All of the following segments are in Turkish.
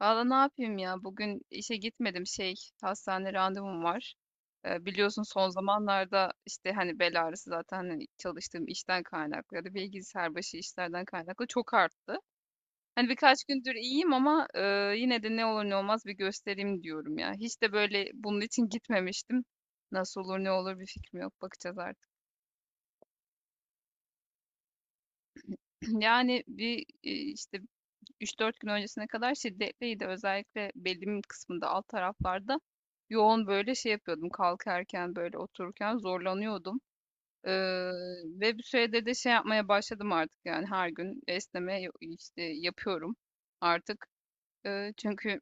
Valla ne yapayım ya? Bugün işe gitmedim, şey, hastane randevum var. Biliyorsun son zamanlarda işte hani bel ağrısı zaten hani çalıştığım işten kaynaklı ya da bilgisayar başı işlerden kaynaklı çok arttı. Hani birkaç gündür iyiyim ama yine de ne olur ne olmaz bir göstereyim diyorum ya. Hiç de böyle bunun için gitmemiştim. Nasıl olur ne olur bir fikrim yok, bakacağız artık. Yani bir işte üç dört gün öncesine kadar şiddetliydi. Özellikle belimin kısmında alt taraflarda yoğun böyle şey yapıyordum. Kalkarken böyle, otururken zorlanıyordum. Ee, Ve bir süredir de şey yapmaya başladım artık, yani her gün esneme işte yapıyorum artık. Çünkü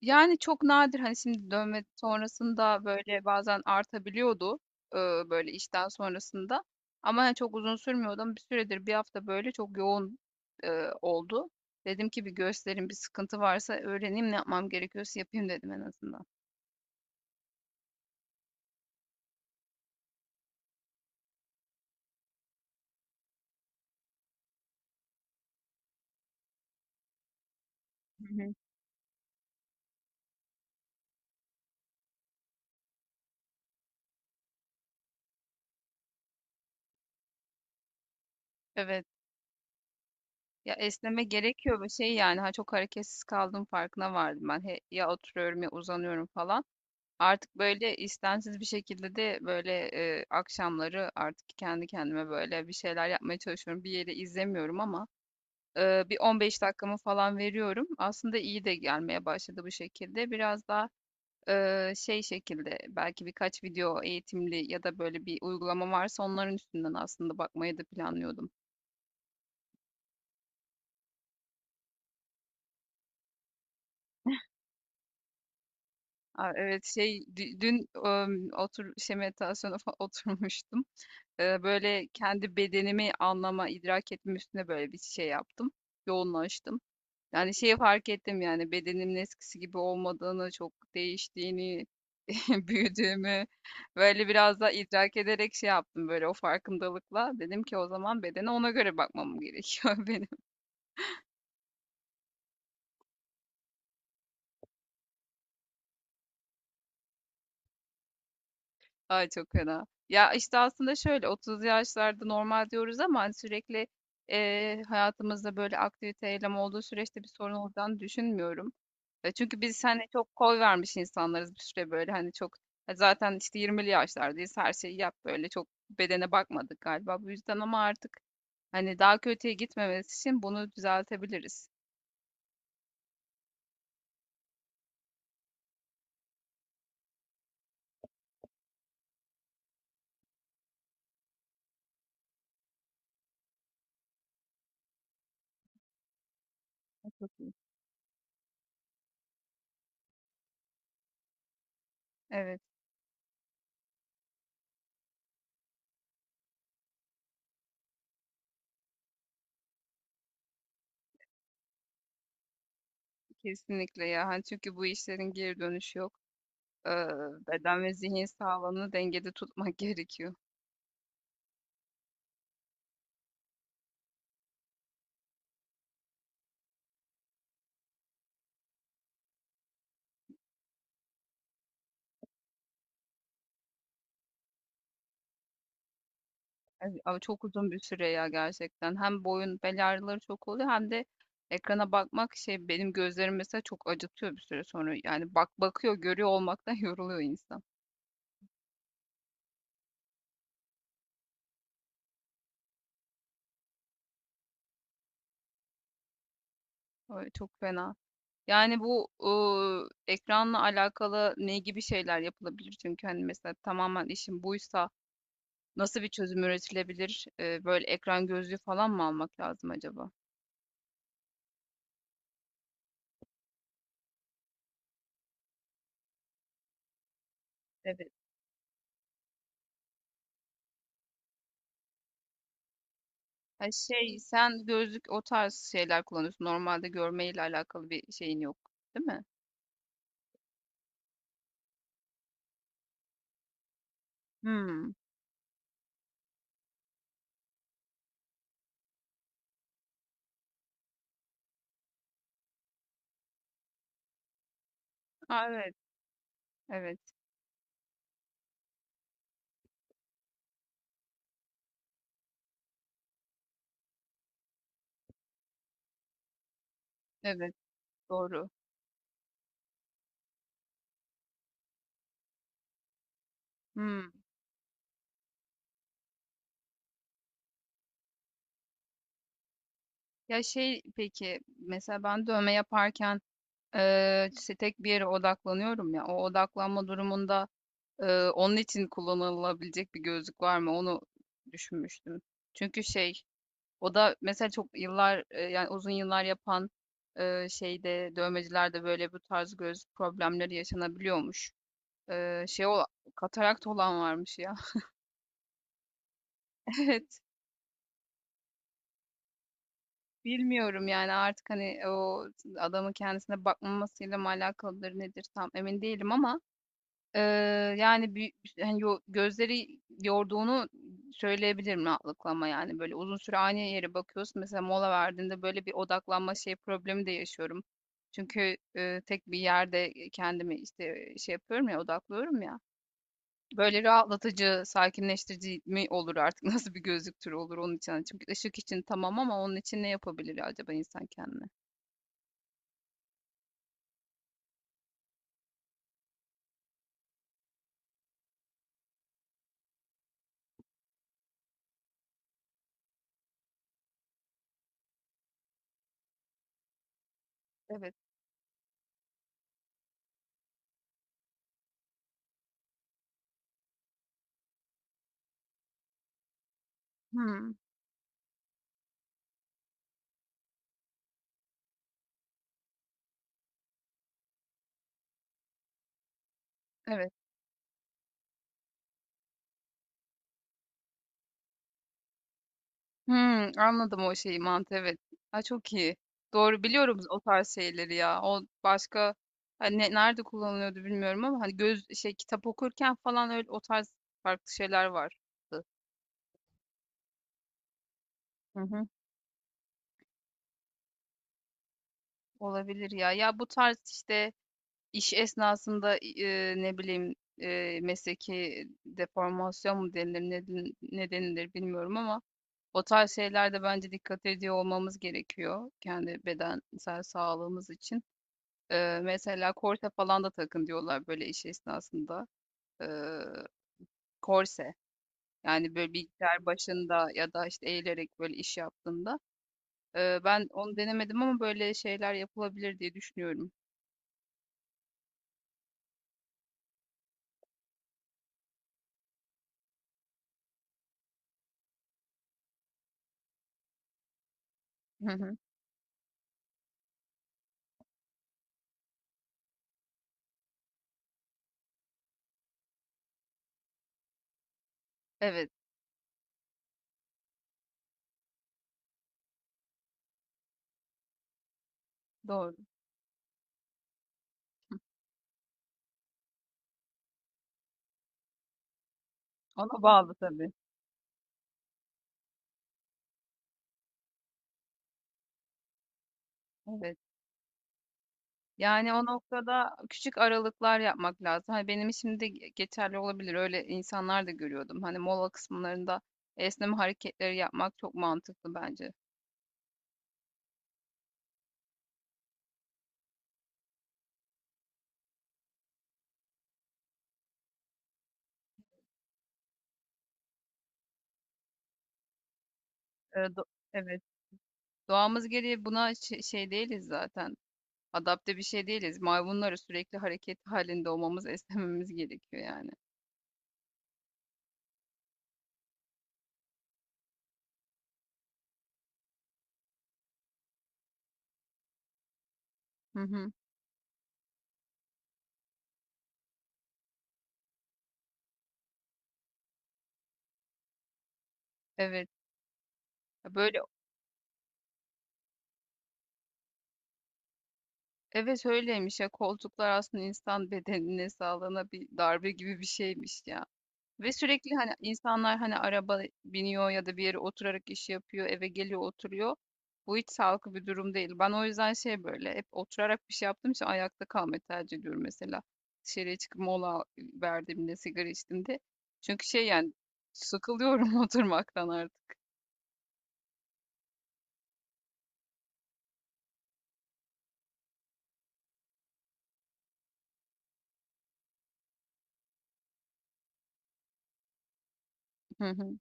Yani çok nadir, hani, şimdi dövme sonrasında böyle bazen artabiliyordu, böyle işten sonrasında, ama hani çok uzun sürmüyordu. Ama bir süredir, bir hafta, böyle çok yoğun oldu. Dedim ki bir göstereyim, bir sıkıntı varsa öğreneyim, ne yapmam gerekiyorsa yapayım dedim en azından. Hı hı. Evet, ya, esneme gerekiyor ve şey, yani, ha, çok hareketsiz kaldığım farkına vardım ben. He, ya oturuyorum ya uzanıyorum falan. Artık böyle istensiz bir şekilde de böyle akşamları artık kendi kendime böyle bir şeyler yapmaya çalışıyorum. Bir yeri izlemiyorum ama bir 15 dakikamı falan veriyorum. Aslında iyi de gelmeye başladı bu şekilde. Biraz daha şey şekilde belki birkaç video eğitimli ya da böyle bir uygulama varsa onların üstünden aslında bakmayı da planlıyordum. Aa, evet şey dün otur şey meditasyona oturmuştum. Böyle kendi bedenimi anlama, idrak etme üstüne böyle bir şey yaptım. Yoğunlaştım. Yani şeyi fark ettim, yani bedenimin eskisi gibi olmadığını, çok değiştiğini, büyüdüğümü böyle biraz da idrak ederek şey yaptım böyle o farkındalıkla. Dedim ki o zaman bedene ona göre bakmam gerekiyor benim. Ay çok fena. Ya işte aslında şöyle 30 yaşlarda normal diyoruz ama hani sürekli hayatımızda böyle aktivite eylem olduğu süreçte bir sorun olacağını düşünmüyorum. E, çünkü biz hani çok koy vermiş insanlarız bir süre, böyle hani çok zaten işte 20'li yaşlardayız, her şeyi yap böyle çok bedene bakmadık galiba bu yüzden ama artık hani daha kötüye gitmemesi için bunu düzeltebiliriz. Çok iyi. Evet, kesinlikle ya, hani çünkü bu işlerin geri dönüşü yok. Ee, Beden ve zihin sağlığını dengede tutmak gerekiyor. Ay, ama çok uzun bir süre ya gerçekten. Hem boyun bel ağrıları çok oluyor hem de ekrana bakmak, şey, benim gözlerim mesela çok acıtıyor bir süre sonra. Yani bak bakıyor görüyor olmaktan yoruluyor insan. Öyle, çok fena. Yani bu ekranla alakalı ne gibi şeyler yapılabilir? Çünkü hani mesela tamamen işin buysa nasıl bir çözüm üretilebilir? Böyle ekran gözlüğü falan mı almak lazım acaba? Evet. Ha şey, sen gözlük o tarz şeyler kullanıyorsun. Normalde görmeyle alakalı bir şeyin yok, değil mi? Hımm. A, evet, evet, evet, doğru. Hımm. Ya, şey, peki, mesela ben dövme yaparken işte tek bir yere odaklanıyorum ya, o odaklanma durumunda onun için kullanılabilecek bir gözlük var mı? Onu düşünmüştüm. Çünkü şey, o da mesela çok yıllar, yani uzun yıllar yapan şeyde, dövmecilerde böyle bu tarz göz problemleri yaşanabiliyormuş. Şey ola katarakt olan varmış ya. Evet. Bilmiyorum yani artık hani o adamın kendisine bakmamasıyla mı alakalıdır nedir tam emin değilim ama eee, yani bir, hani gözleri yorduğunu söyleyebilirim rahatlıkla. Yani böyle uzun süre aynı yere bakıyorsun, mesela mola verdiğinde böyle bir odaklanma şey problemi de yaşıyorum. Çünkü tek bir yerde kendimi işte şey yapıyorum ya, odaklıyorum ya. Böyle rahatlatıcı, sakinleştirici mi olur artık? Nasıl bir gözlük türü olur onun için? Hani çünkü ışık için tamam, ama onun için ne yapabilir acaba insan kendine? Evet. Hmm, evet. Hımm, anladım o şeyi, mantığı, evet. Ha, çok iyi. Doğru, biliyorum o tarz şeyleri ya. O başka, hani, ne nerede kullanılıyordu bilmiyorum ama hani göz şey, kitap okurken falan öyle o tarz farklı şeyler vardı. Hı hı. Olabilir ya. Ya, bu tarz, işte, iş esnasında ne bileyim, mesleki deformasyon mu denilir, ne denilir bilmiyorum ama o tarz şeylerde bence dikkat ediyor olmamız gerekiyor kendi bedensel sağlığımız için. Mesela korse falan da takın diyorlar böyle iş esnasında. Eee, Korse, yani böyle bilgisayar başında ya da işte eğilerek böyle iş yaptığında. Ben onu denemedim ama böyle şeyler yapılabilir diye düşünüyorum. Hı hı. Evet, doğru. Ona bağlı tabii. Evet. Yani o noktada küçük aralıklar yapmak lazım. Hani benim için de geçerli olabilir. Öyle insanlar da görüyordum. Hani mola kısımlarında esneme hareketleri yapmak çok mantıklı bence. Eee, do- evet. Doğamız gereği buna şey değiliz zaten. Adapte bir şey değiliz. Maymunları sürekli hareket halinde olmamız, esnememiz gerekiyor yani. Hı hı. Evet. Ya böyle, evet, öyleymiş ya, koltuklar aslında insan bedenine, sağlığına bir darbe gibi bir şeymiş ya. Ve sürekli hani insanlar hani araba biniyor ya da bir yere oturarak iş yapıyor, eve geliyor, oturuyor. Bu hiç sağlıklı bir durum değil. Ben o yüzden şey, böyle hep oturarak bir şey yaptığım için ayakta kalmayı tercih ediyorum mesela. Dışarıya çıkıp mola verdiğimde, sigara içtiğimde. Çünkü şey, yani sıkılıyorum oturmaktan artık. Hı hı.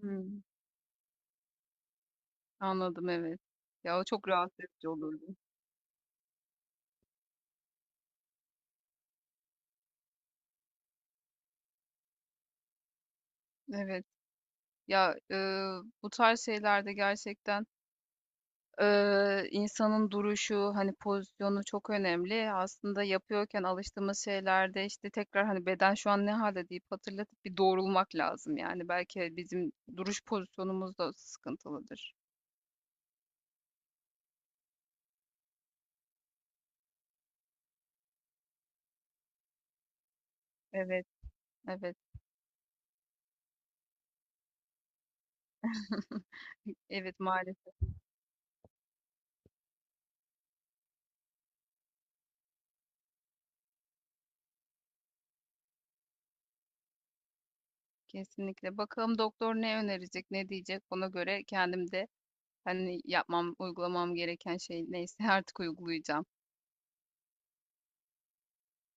Hmm, anladım, evet. Ya o çok rahatsız edici olurdu. Evet. Ya, bu tarz şeylerde gerçekten insanın duruşu, hani, pozisyonu çok önemli. Aslında yapıyorken alıştığımız şeylerde, işte, tekrar, hani, "Beden şu an ne halde deyip hatırlatıp bir doğrulmak lazım, yani. Belki bizim duruş pozisyonumuz da sıkıntılıdır. Evet, evet. Evet, maalesef, kesinlikle. Bakalım doktor ne önerecek, ne diyecek? Ona göre kendim de, hani, yapmam, uygulamam gereken şey neyse artık uygulayacağım.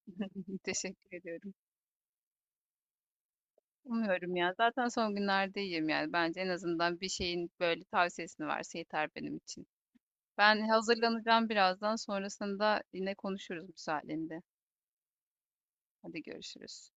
Teşekkür ediyorum. Umuyorum ya. Zaten son günlerde iyiyim yani. Bence en azından bir şeyin böyle tavsiyesini verse yeter benim için. Ben hazırlanacağım birazdan. Sonrasında yine konuşuruz müsaadenle. Hadi görüşürüz.